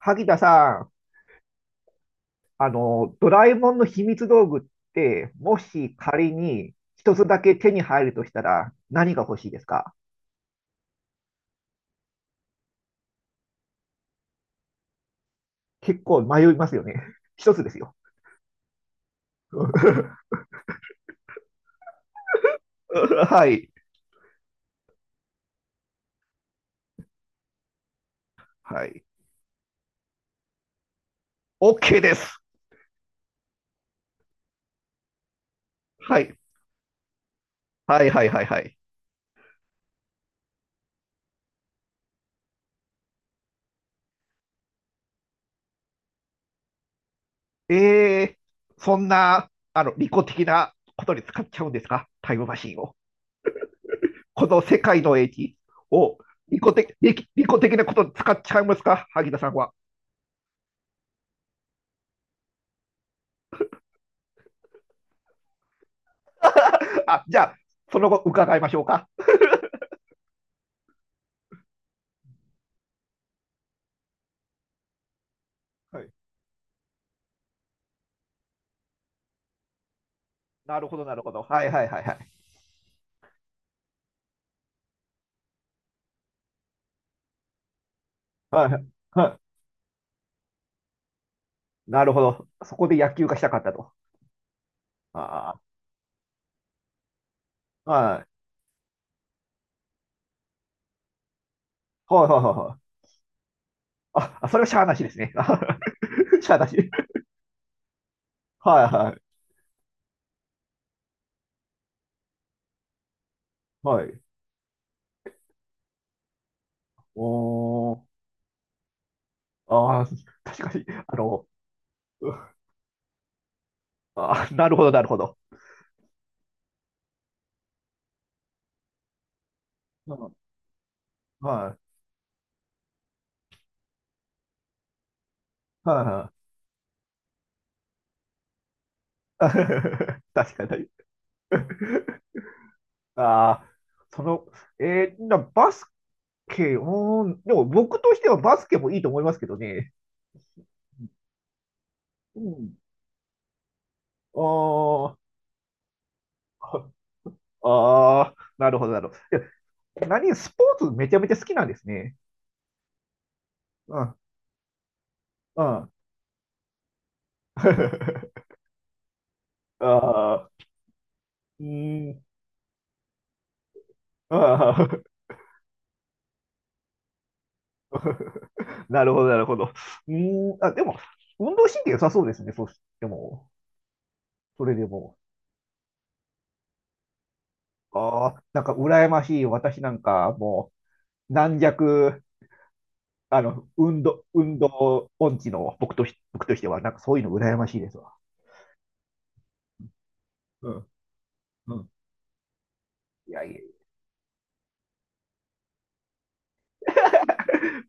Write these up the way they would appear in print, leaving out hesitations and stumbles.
萩田さん、ドラえもんの秘密道具って、もし仮に一つだけ手に入るとしたら何が欲しいですか？結構迷いますよね。一つですよ。はい。はい。OK です。はい。はいはいはいはい。えそんな、利己的なことに使っちゃうんですか、タイムマシンを。この世界の英知を利己的なことに使っちゃいますか、萩田さんは？あ、じゃあ、その後伺いましょうか。はい。なるほど、なるほど。はいはいはいはい。はいはい、なるほど。そこで野球がしたかったと。ああ、はい。はいはいはいはい。あそれはしゃあなしですね。しゃあなし。はいはい。はい。おー。ああ、確かに。なるほど、なるほど。うん、はい。はいはい。確かに。ああ、その、バスケー、でも僕としてはバスケもいいと思いますけどね。うん。あーなるほど、なるほど。いや、何、スポーツめちゃめちゃ好きなんですね。うん、うん。ああ、うーん、ああ、なるほど、なるほど。あ、でも、運動神経良さそうですね、そうしても、それでも。ああ、なんか羨ましい、私なんか、もう、軟弱、運動音痴の僕としては、なんかそういうの羨ましいですわ。うん。うん。いやいや、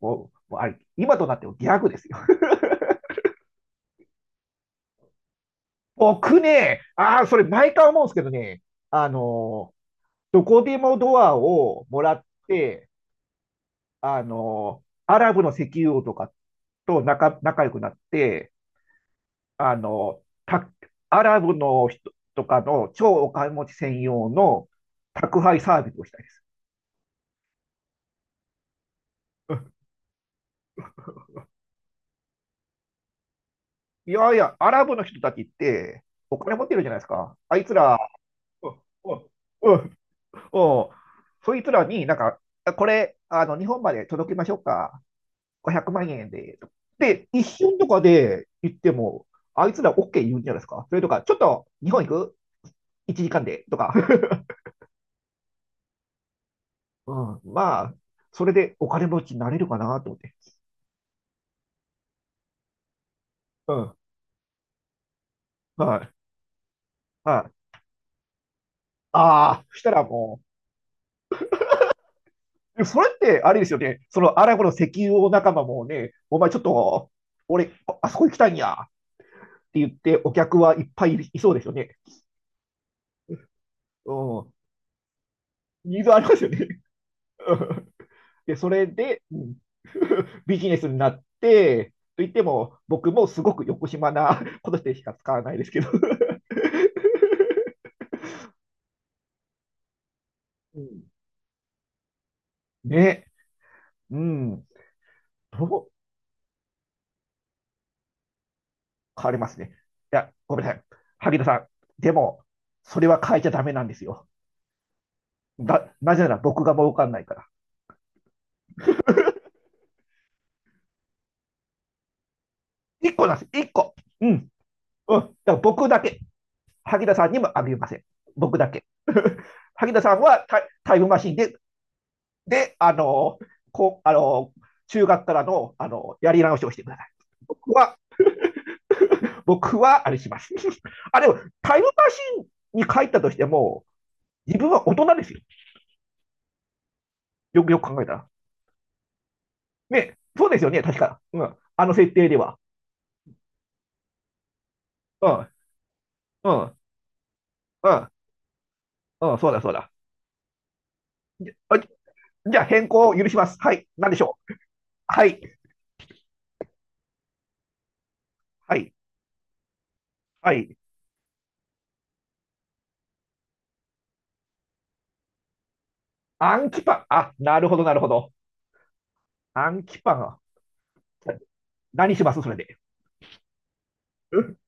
もうあれ、今となってはギャグですよ。僕ね、ああ、それ毎回思うんですけどね、あの、どこでもドアをもらって、アラブの石油王とかと仲良くなって、あの、た、アラブの人とかの超お金持ち専用の宅配サービスをしたいです。いやいや、アラブの人たちって、お金持ってるじゃないですか。あいつら、うんうんうんうん、そいつらになんか、あ、これ、日本まで届けましょうか。500万円で。で、一瞬とかで言っても、あいつら OK 言うんじゃないですか。それとか、ちょっと日本行く ?1 時間でとか。うん、まあ、それでお金持ちになれるかなと思って。うん、はい、はい。ああ、そしたらもう、それって、あれですよね。そのアラブの石油王仲間もね、お前ちょっと、俺、あそこ行きたいんやって言って、お客はいっぱいいそうですよね。うん。ニーズありますよね。で、それで、うん。 ビジネスになって、と言っても、僕もすごく横島なことしてしか使わないですけど。うん、ね、うん。そう、変わりますね。いや、ごめんなさい。萩田さん、でも、それは変えちゃダメなんですよ。なぜなら僕が儲かんないから。一個なんです。一個。うん。うん。だから僕だけ。萩田さんにもあげません。僕だけ。萩田さんはタイムマシンで、で、あのこう、あの中学からの、やり直しをしてください。僕は、僕は、あれします。あ、でも、タイムマシンに帰ったとしても、自分は大人ですよ。よくよく考えたら。ね、そうですよね、確か。うん。あの設定では。うん、うん、うん、うん、そうだ、そうだ。じゃあ、変更を許します。はい。何でしょう。はい。はい。はい。アンキパン。あ、なるほど、なるほど。アンキパンは。何しますそれで？うん、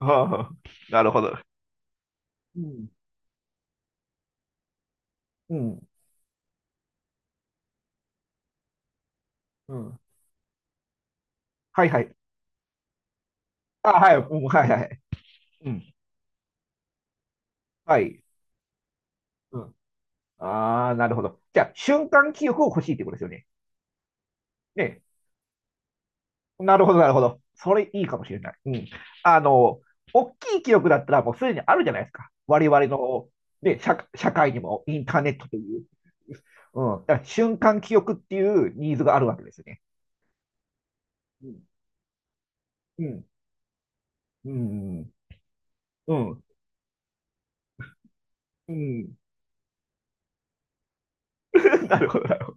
はあ、なるほど。うん。うん。うん。はいはい。あ、はい。うん、はいはい。うん。はい。うん。ああ、なるほど。じゃあ、瞬間記憶を欲しいってことですよね。ね。なるほど、なるほど。それいいかもしれない。うん。あの、大きい記憶だったらもうすでにあるじゃないですか。我々の、ね、社会にもインターネットという。うん。だから瞬間記憶っていうニーズがあるわけですよね。うん。うん。うん。うん。うん。 なるほど、なるほ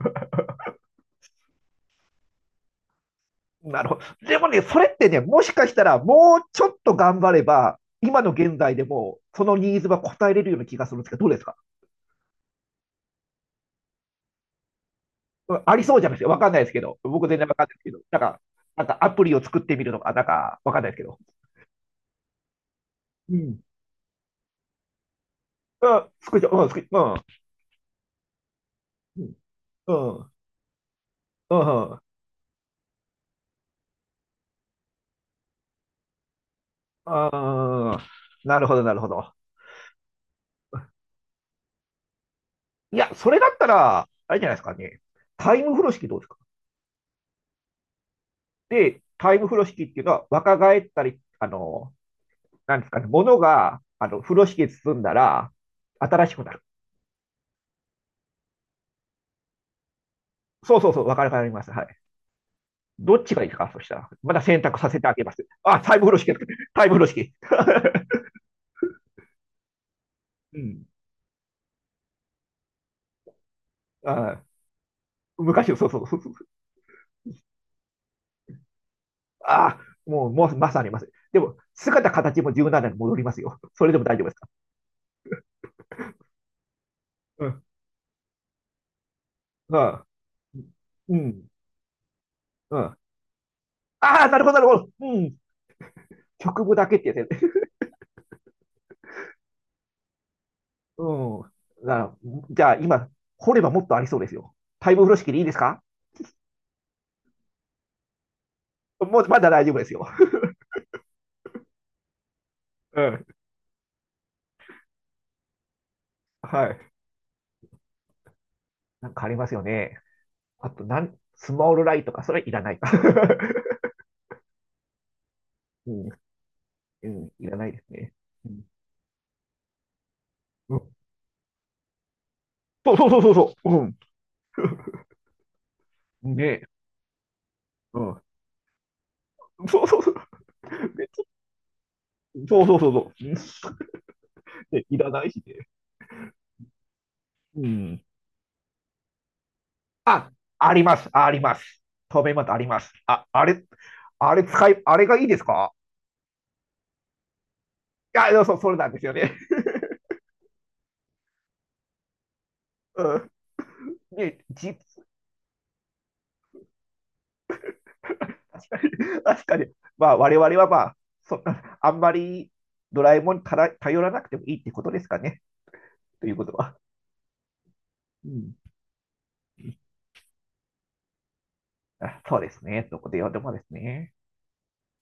ど。なるほど。でもね、それってね、もしかしたらもうちょっと頑張れば、今の現在でもそのニーズは応えれるような気がするんですけど、どうですか？うん、ありそうじゃないですか。わかんないですけど。僕全然わかんないですけど。なんかアプリを作ってみるとか、なんかわかんないですけど。うん。うん、作っちゃう。うん、作っうんうん。うん。うん。ああ、なるほど、なるほど。いや、それだったら、あれじゃないですかね。タイム風呂敷どうですか？で、タイム風呂敷っていうのは若返ったり、なんですかね、物が、風呂敷で包んだら、新しくなる。そうそうそう、若返ります。はい。どっちがいいですか、そしたら。まだ選択させてあげます。あ、タイム風呂敷、タイム風呂敷。うん。あ、昔の、そうそうそう。あ、もう、まさにます。でも、姿、形も柔軟ななに戻りますよ。それでも大丈夫ですか？うん。あ、うん。うん。ああ、なるほど、なるほど。うん。局部だけってやつ。うん。だからじゃあ、今、掘ればもっとありそうですよ。タイム風呂敷でいいですか？もう、まだ大丈夫ですよ。うん。はい。なんかありますよね。あと、スモールライトか、それいらないか。うん、うん、いらないですね。うん、そうそうそうそうそう、うん、ね、うん、そうそうそう、そうそうそうそう、うん、でいらないしね。うん。あ、あります、あります。透明マットあります。あ、あれ、あれ使い、あれがいいですか？いや、そうそう、れなんですよね。うん。ね、確かに、まあ、我々はまあ、そっか。 あんまりドラえもんに頼らなくてもいいってことですかね、ということは。うん。あ、そうですね。どこで読んでもですね。